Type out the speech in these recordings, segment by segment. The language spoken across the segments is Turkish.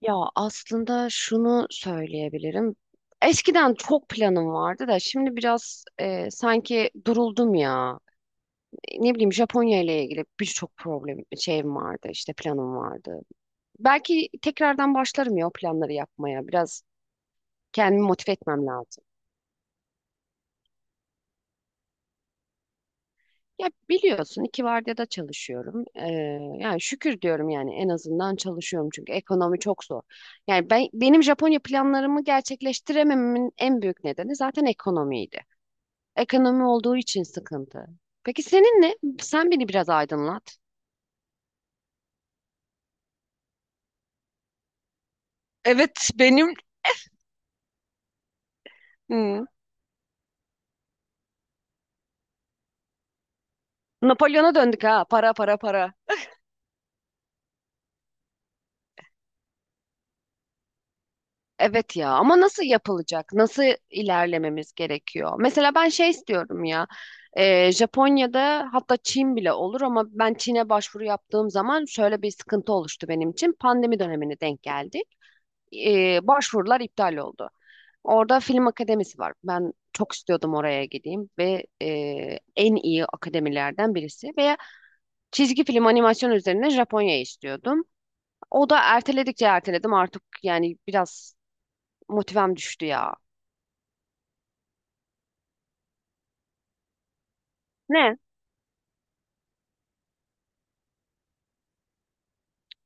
Ya aslında şunu söyleyebilirim. Eskiden çok planım vardı da şimdi biraz sanki duruldum ya. Ne bileyim Japonya ile ilgili birçok problem şeyim vardı işte planım vardı. Belki tekrardan başlarım ya o planları yapmaya. Biraz kendimi motive etmem lazım. Ya biliyorsun iki vardiyada çalışıyorum. Yani şükür diyorum yani en azından çalışıyorum çünkü ekonomi çok zor. Yani benim Japonya planlarımı gerçekleştirememin en büyük nedeni zaten ekonomiydi. Ekonomi olduğu için sıkıntı. Peki senin ne? Sen beni biraz aydınlat. Evet benim. Hmm. Napolyon'a döndük ha. Para para para. Evet ya ama nasıl yapılacak? Nasıl ilerlememiz gerekiyor? Mesela ben şey istiyorum ya. Japonya'da hatta Çin bile olur ama ben Çin'e başvuru yaptığım zaman şöyle bir sıkıntı oluştu benim için. Pandemi dönemine denk geldi. Başvurular iptal oldu. Orada film akademisi var. Ben çok istiyordum oraya gideyim ve en iyi akademilerden birisi ve çizgi film animasyon üzerine Japonya istiyordum. O da erteledikçe erteledim artık yani biraz motivem düştü ya. Ne?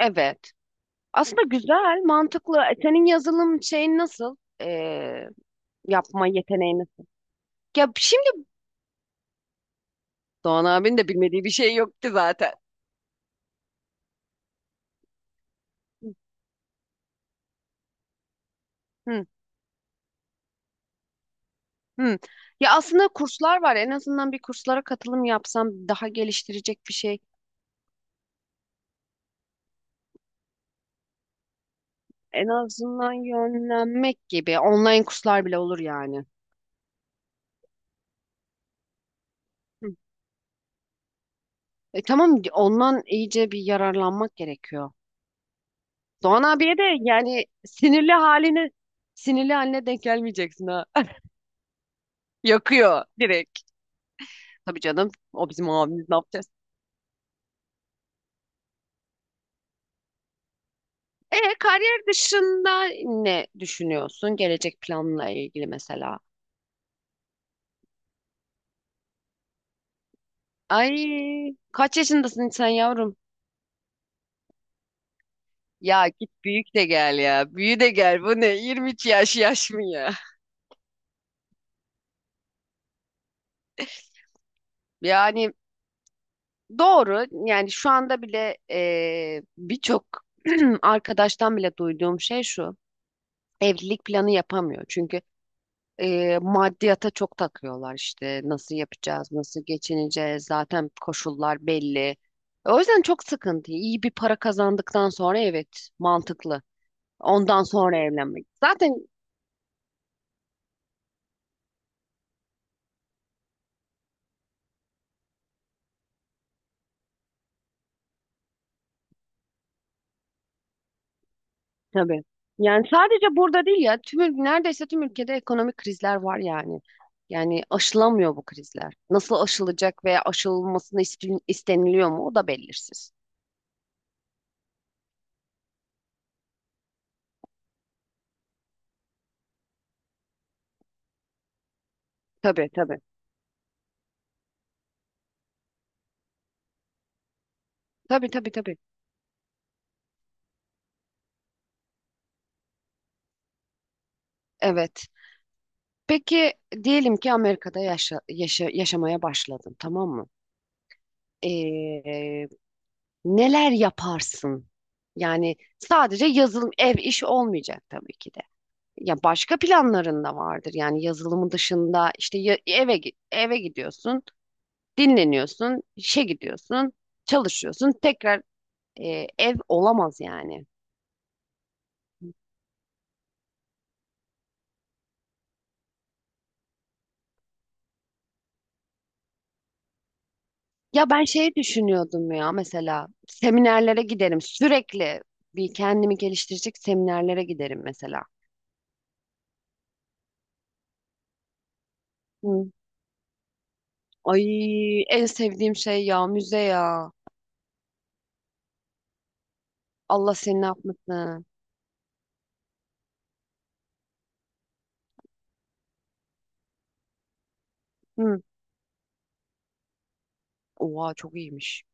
Evet. Aslında güzel, mantıklı. E, senin yazılım şeyin nasıl? E, yapma yeteneği nasıl? Ya şimdi Doğan abinin de bilmediği bir şey yok ki zaten. Hı. Hı. Ya aslında kurslar var. En azından bir kurslara katılım yapsam daha geliştirecek bir şey. En azından yönlenmek gibi. Online kurslar bile olur yani. Hı. E tamam, ondan iyice bir yararlanmak gerekiyor. Doğan abiye de yani sinirli haline denk gelmeyeceksin ha. Yakıyor direkt. Tabii canım, o bizim abimiz, ne yapacağız? E kariyer dışında ne düşünüyorsun gelecek planla ilgili mesela? Ay, kaç yaşındasın sen yavrum? Ya git büyük de gel ya. Büyü de gel. Bu ne? 22 yaş mı ya? Yani doğru. Yani şu anda bile birçok arkadaştan bile duyduğum şey şu. Evlilik planı yapamıyor. Çünkü maddiyata çok takıyorlar işte. Nasıl yapacağız? Nasıl geçineceğiz? Zaten koşullar belli. O yüzden çok sıkıntı. İyi bir para kazandıktan sonra, evet, mantıklı. Ondan sonra evlenmek. Zaten. Tabii. Yani sadece burada değil ya, tüm neredeyse tüm ülkede ekonomik krizler var yani. Yani aşılamıyor bu krizler. Nasıl aşılacak veya isteniliyor mu, o da belirsiz. Tabii, tabii. Tabii, tabii, tabii. Evet. Peki diyelim ki Amerika'da yaşamaya başladın, tamam mı? Ee, neler yaparsın? Yani sadece yazılım, ev işi olmayacak tabii ki de. Ya başka planların da vardır. Yani yazılımın dışında işte eve gidiyorsun, dinleniyorsun, işe gidiyorsun, çalışıyorsun. Tekrar ev olamaz yani. Ya ben şey düşünüyordum ya, mesela seminerlere giderim sürekli, bir kendimi geliştirecek seminerlere giderim mesela. Hı. Ay, en sevdiğim şey ya müze ya. Allah seni ne yapmasın. Hı. Oha, çok iyiymiş.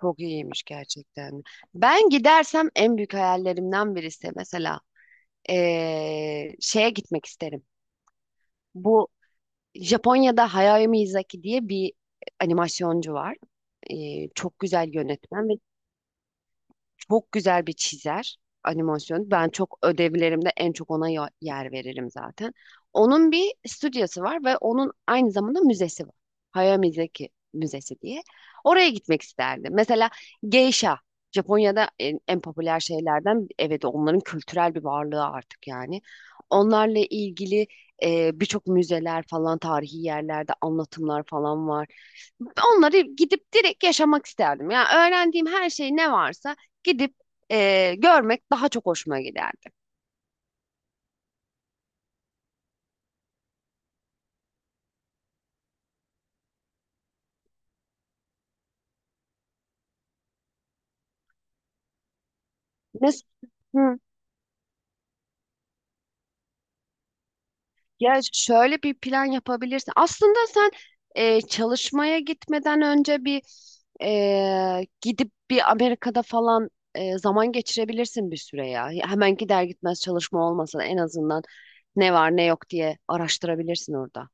Çok iyiymiş gerçekten. Ben gidersem en büyük hayallerimden birisi mesela şeye gitmek isterim. Bu Japonya'da Hayao Miyazaki diye bir animasyoncu var. Çok güzel yönetmen ve çok güzel bir çizer, animasyon. Ben çok ödevlerimde en çok ona yer veririm zaten. Onun bir stüdyosu var ve onun aynı zamanda müzesi var. Hayao Mizeki Müzesi diye. Oraya gitmek isterdim. Mesela geisha. Japonya'da en popüler şeylerden, evet, onların kültürel bir varlığı artık yani. Onlarla ilgili birçok müzeler falan, tarihi yerlerde anlatımlar falan var. Onları gidip direkt yaşamak isterdim. Yani öğrendiğim her şey ne varsa gidip görmek daha çok hoşuma giderdi. Mes Hı. Ya şöyle bir plan yapabilirsin. Aslında sen çalışmaya gitmeden önce bir gidip bir Amerika'da falan zaman geçirebilirsin bir süre ya. Ya hemen gider gitmez çalışma olmasa da en azından ne var ne yok diye araştırabilirsin orada.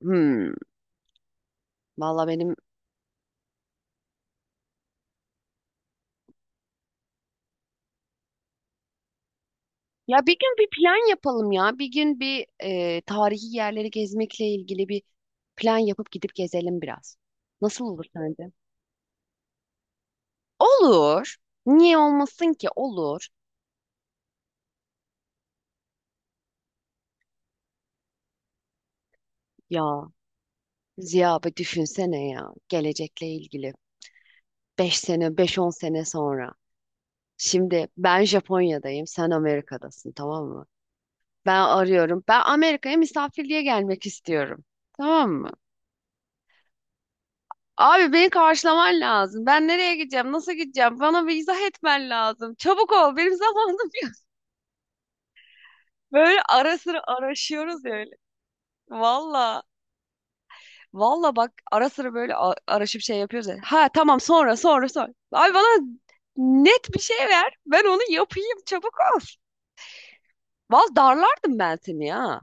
Hmm. Valla benim. Ya bir gün bir plan yapalım ya. Bir gün bir tarihi yerleri gezmekle ilgili bir plan yapıp gidip gezelim biraz. Nasıl olur sence? Olur. Niye olmasın ki? Olur. Ya Ziya, bir düşünsene ya. Gelecekle ilgili. 5 sene, 5-10 sene sonra. Şimdi ben Japonya'dayım, sen Amerika'dasın, tamam mı? Ben arıyorum. Ben Amerika'ya misafirliğe gelmek istiyorum. Tamam. Abi, beni karşılaman lazım. Ben nereye gideceğim? Nasıl gideceğim? Bana bir izah etmen lazım. Çabuk ol. Benim zamanım yok. Böyle ara sıra araşıyoruz ya öyle. Valla. Valla bak, ara sıra böyle araşıp şey yapıyoruz ya. Ha tamam, sonra sonra sonra. Abi bana net bir şey ver. Ben onu yapayım. Çabuk ol. Valla darlardım ben seni ya.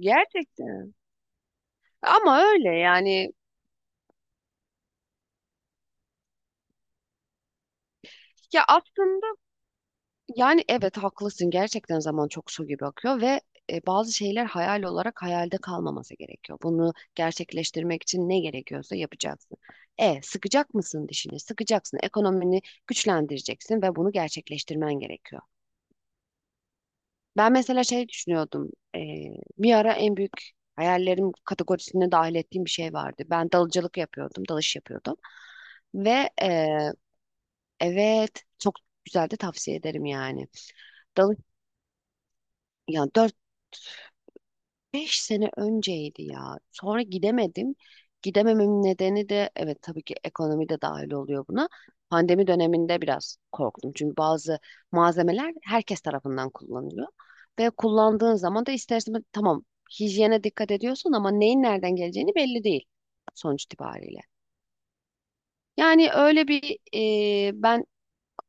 Gerçekten. Ama öyle yani. Ya aslında, yani evet, haklısın, gerçekten zaman çok su gibi akıyor ve bazı şeyler hayal olarak hayalde kalmaması gerekiyor. Bunu gerçekleştirmek için ne gerekiyorsa yapacaksın. E sıkacak mısın dişini? Sıkacaksın. Ekonomini güçlendireceksin ve bunu gerçekleştirmen gerekiyor. Ben mesela şey düşünüyordum. Bir ara en büyük hayallerim kategorisine dahil ettiğim bir şey vardı. Ben dalıcılık yapıyordum, dalış yapıyordum ve evet, çok güzel de, tavsiye ederim yani. Dalı Yani 4-5 sene önceydi ya. Sonra gidemedim. Gidemememin nedeni de evet tabii ki ekonomi de dahil oluyor buna. Pandemi döneminde biraz korktum. Çünkü bazı malzemeler herkes tarafından kullanılıyor. Ve kullandığın zaman da ister istemez tamam hijyene dikkat ediyorsun ama neyin nereden geleceğini belli değil sonuç itibariyle. Yani öyle bir e, ben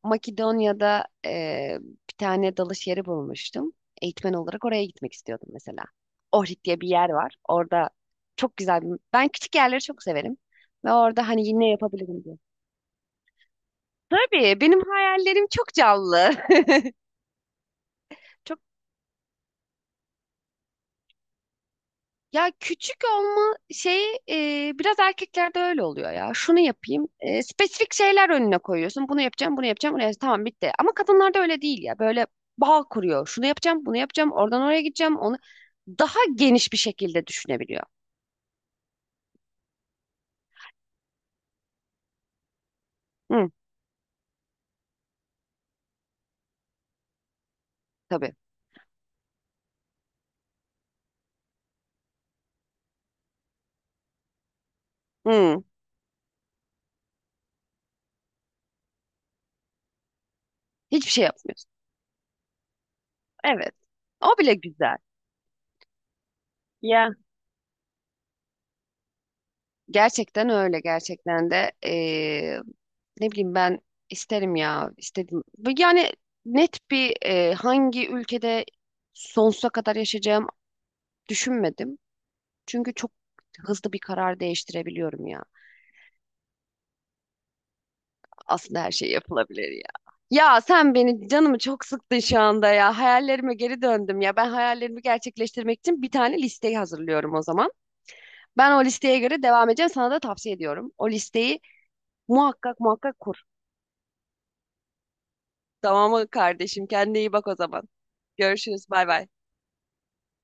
Makedonya'da bir tane dalış yeri bulmuştum. Eğitmen olarak oraya gitmek istiyordum mesela. Ohrid diye bir yer var. Orada çok güzel bir... Ben küçük yerleri çok severim. Ve orada hani yine yapabilirim diye. Tabii benim hayallerim çok canlı. Ya küçük olma şeyi biraz erkeklerde öyle oluyor ya. Şunu yapayım. E, spesifik şeyler önüne koyuyorsun. Bunu yapacağım, bunu yapacağım, bunu yapacağım. Tamam, bitti. Ama kadınlarda öyle değil ya. Böyle bağ kuruyor. Şunu yapacağım, bunu yapacağım. Oradan oraya gideceğim. Onu daha geniş bir şekilde düşünebiliyor. Hı, tabii. Hı, hiçbir şey yapmıyorsun. Evet. O bile güzel. Ya. Gerçekten öyle, gerçekten de. Ne bileyim ben, isterim ya, istedim. Bu yani net bir, hangi ülkede sonsuza kadar yaşayacağım düşünmedim. Çünkü çok hızlı bir karar değiştirebiliyorum ya. Aslında her şey yapılabilir ya. Ya sen beni, canımı çok sıktın şu anda ya. Hayallerime geri döndüm ya. Ben hayallerimi gerçekleştirmek için bir tane listeyi hazırlıyorum o zaman. Ben o listeye göre devam edeceğim. Sana da tavsiye ediyorum. O listeyi muhakkak muhakkak kur. Tamam mı kardeşim? Kendine iyi bak o zaman. Görüşürüz. Bay bay.